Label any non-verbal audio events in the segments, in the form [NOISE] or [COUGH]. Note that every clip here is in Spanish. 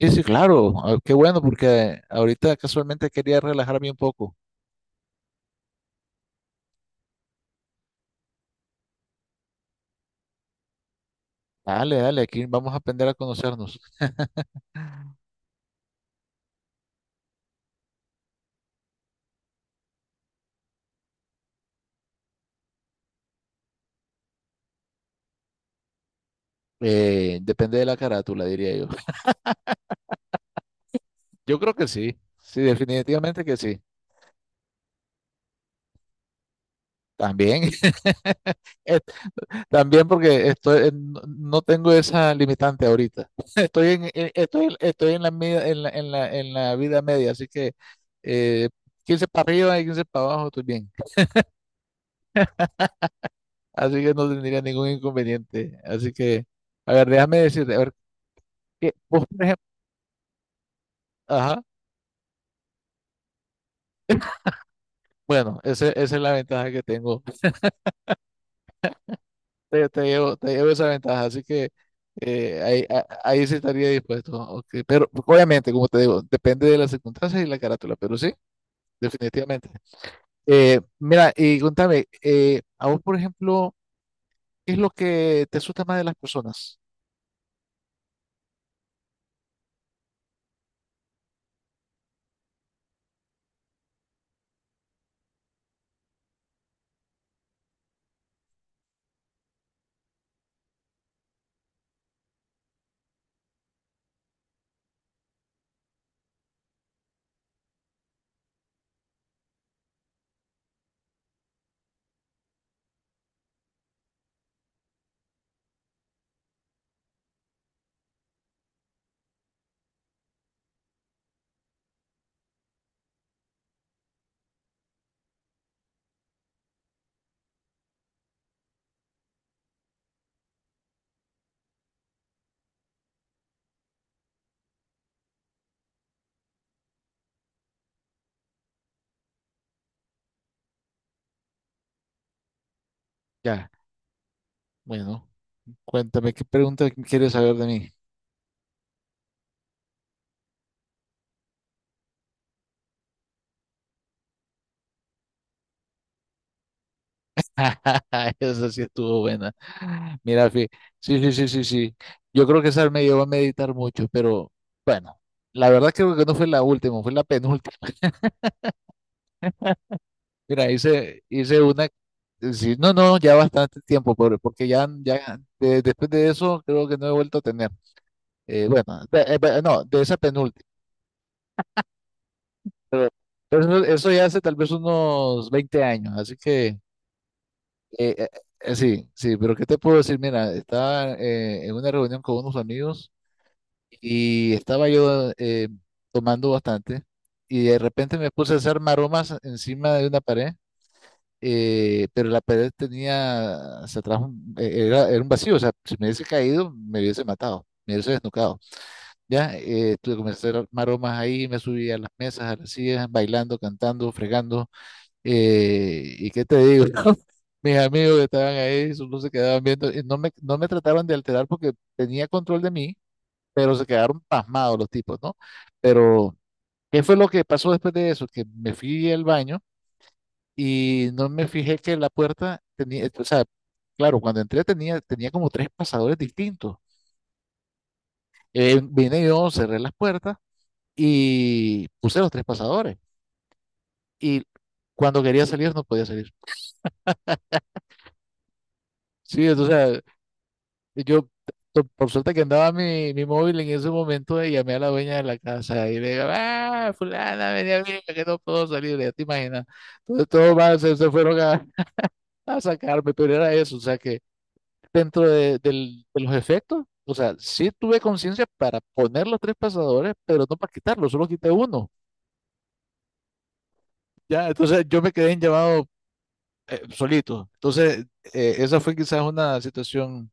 Sí, sí, claro. Qué bueno, porque ahorita casualmente quería relajarme un poco. Dale, dale, aquí vamos a aprender a conocernos. Depende de la carátula, diría yo. [LAUGHS] Yo creo que sí. Sí, definitivamente que sí. También. [LAUGHS] eh, También porque estoy, no tengo esa limitante ahorita. [LAUGHS] Estoy en, estoy, en la, en la vida media, así que eh, 15 para arriba y 15 para abajo, estoy bien. Así que no tendría ningún inconveniente. Así que, a ver, déjame decirte, a ver, ¿vos, por... Ajá. Bueno, esa es la ventaja que tengo. Te llevo esa ventaja, así que ahí, ahí sí estaría dispuesto. Ok. Pero obviamente, como te digo, depende de las circunstancias y la carátula, pero sí, definitivamente. Mira, y contame, a vos, por ejemplo, ¿qué es lo que te asusta más de las personas? Ya, bueno, cuéntame, ¿qué pregunta quieres saber de mí? [LAUGHS] Esa sí estuvo buena. Mira, sí, sí, sí, sí, sí. Yo creo que esa me llevó a meditar mucho, pero bueno, la verdad creo que no fue la última, fue la penúltima. [LAUGHS] Mira, hice una... Sí, no, no, ya bastante tiempo, pobre, porque ya, ya, después de eso creo que no he vuelto a tener. No, de esa penúltima, pero, pero eso ya hace tal vez unos 20 años, así que... eh, eh, Sí, sí, pero ¿qué te puedo decir? Mira, estaba en una reunión con unos amigos y estaba yo tomando bastante, y de repente me puse a hacer maromas encima de una pared. Pero la pared tenía, se atrajo, era, era un vacío, o sea, si me hubiese caído me hubiese matado, me hubiese desnucado. Ya, tuve que comenzar a hacer maromas ahí, me subí a las mesas, a las sillas, bailando, cantando, fregando, y qué te digo, [LAUGHS] mis amigos que estaban ahí solo se quedaban viendo, y no me trataban de alterar porque tenía control de mí, pero se quedaron pasmados los tipos, ¿no? Pero ¿qué fue lo que pasó después de eso? Que me fui al baño y no me fijé que la puerta tenía, o sea, claro, tenía como tres pasadores distintos. Vine yo, cerré las puertas y puse los tres pasadores. Y cuando quería salir, no podía salir. Sí, entonces... Yo, por suerte que andaba mi móvil en ese momento, y llamé a la dueña de la casa y le digo, ah, fulana, venía a bien, que no puedo salir, ya te imaginas. Entonces todos más se fueron a sacarme, pero era eso, o sea que dentro de, de los efectos, o sea, sí tuve conciencia para poner los tres pasadores, pero no para quitarlos, solo quité uno. Ya, entonces yo me quedé en llamado solito. Entonces, esa fue quizás una situación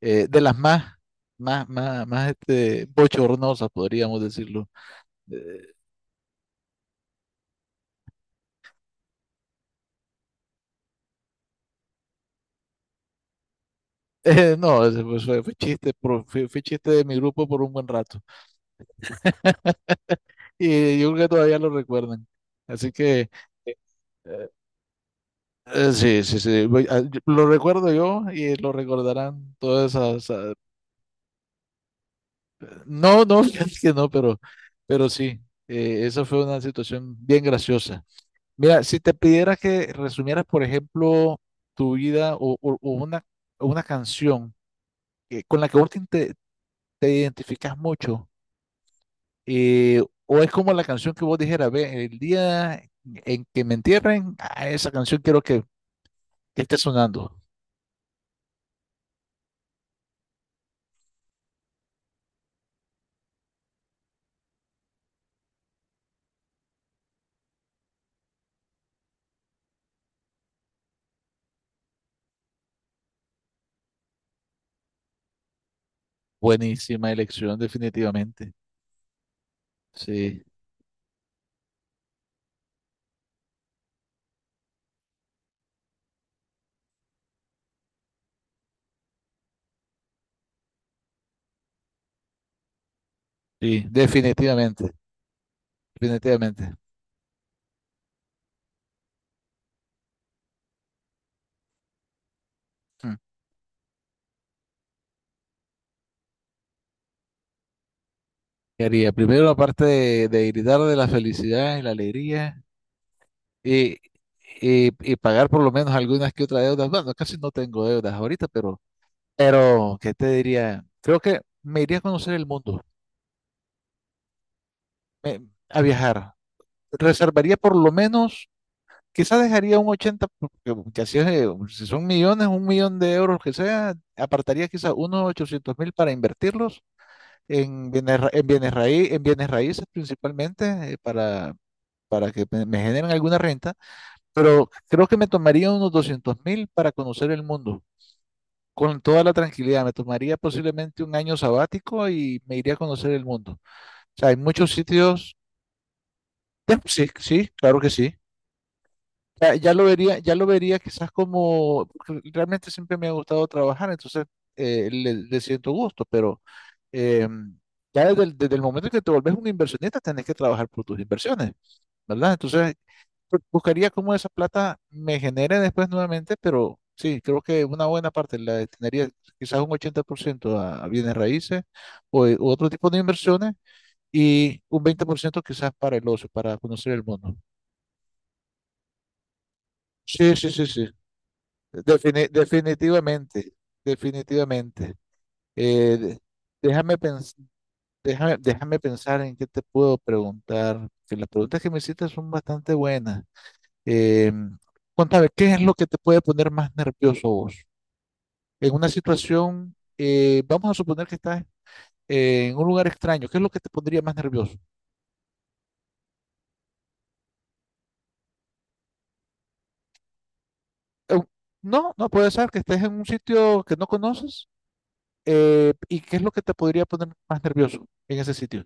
de las más, más este, bochornosas, podríamos decirlo. Eh, [LAUGHS] no, ese fue, fue chiste, fue, fue chiste de mi grupo por un buen rato. Y yo creo que todavía lo recuerdan. Así que, eh, sí, sí, sí, lo recuerdo yo y lo recordarán todas esas. No, no, [LAUGHS] fíjate que no, pero sí, esa fue una situación bien graciosa. Mira, si te pidiera que resumieras, por ejemplo, tu vida o una canción con la que te identificas mucho, eh, o es como la canción que vos dijeras, ve, el día en que me entierren, a esa canción quiero que esté sonando. Buenísima elección, definitivamente. Sí, sí, definitivamente, definitivamente. Mm. ¿Qué haría? Primero, aparte de gritar de la felicidad y la alegría. Y, y pagar por lo menos algunas que otras deudas. Bueno, casi no tengo deudas ahorita, pero, ¿qué te diría? Creo que me iría a conocer el mundo, me- a viajar. Reservaría por lo menos, quizás dejaría un 80 porque ya si, es, si son millones, 1 millón de euros que sea, apartaría quizás unos 800.000 para invertirlos en bienes, ra- en bienes raí- en bienes raíces principalmente, para que me generen alguna renta. Pero creo que me tomaría unos 200.000 para conocer el mundo, con toda la tranquilidad. Me tomaría posiblemente un año sabático y me iría a conocer el mundo. O sea, hay muchos sitios. Sí, sí, claro que sí. Ya, ya lo vería quizás como, porque realmente siempre me ha gustado trabajar, entonces le siento gusto, pero eh, ya desde el momento en que te volvés un inversionista, tenés que trabajar por tus inversiones, ¿verdad? Entonces, buscaría cómo esa plata me genere después nuevamente, pero sí, creo que una buena parte la destinaría quizás un 80% a bienes raíces u otro tipo de inversiones, y un 20% quizás para el ocio, para conocer el mundo. Sí, sí, sí, sí. Definitivamente, definitivamente. Eh, de- déjame pens- Déjame pensar en qué te puedo preguntar, que las preguntas que me hiciste son bastante buenas. Eh, Contame, ¿qué es lo que te puede poner más nervioso vos? En una situación, vamos a suponer que estás en un lugar extraño, ¿qué es lo que te pondría más nervioso? Eh, no, no puede ser que estés en un sitio que no conoces. ¿Y qué es lo que te podría poner más nervioso en ese sitio?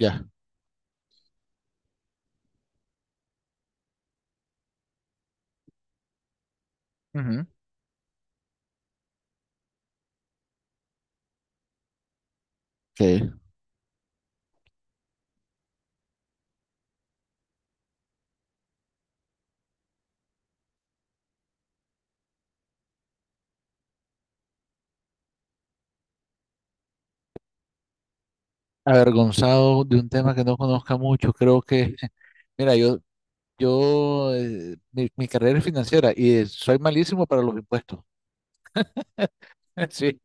Ya. Ujú. Ok. Avergonzado de un tema que no conozca mucho, creo que... [LAUGHS] mira, mi carrera es financiera y soy malísimo para los impuestos. [LAUGHS] Sí.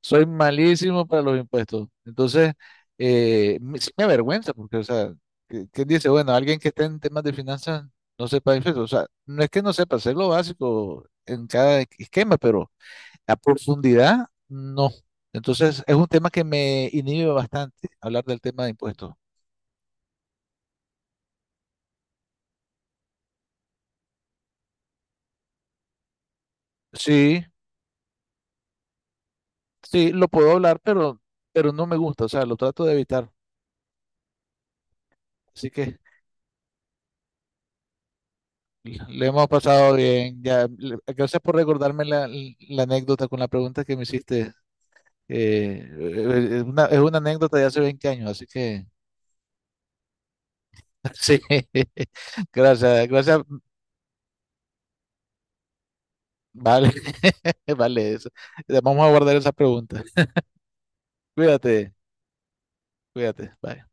Soy malísimo para los impuestos. Entonces, sí me avergüenza porque, o sea, ¿quién dice? Bueno, alguien que esté en temas de finanzas no sepa impuestos. O sea, no es que no sepa, sé lo básico en cada esquema, pero a profundidad, no. Entonces, es un tema que me inhibe bastante hablar del tema de impuestos. Sí, sí, lo puedo hablar, pero no me gusta, o sea, lo trato de evitar. Así que... Le hemos pasado bien. Ya, gracias por recordarme la, la anécdota con la pregunta que me hiciste. Es una, es una anécdota de hace 20 años, así que [LAUGHS] sí. Gracias, gracias. Vale, [LAUGHS] vale eso. Vamos a guardar esa pregunta. Cuídate, cuídate. Bye.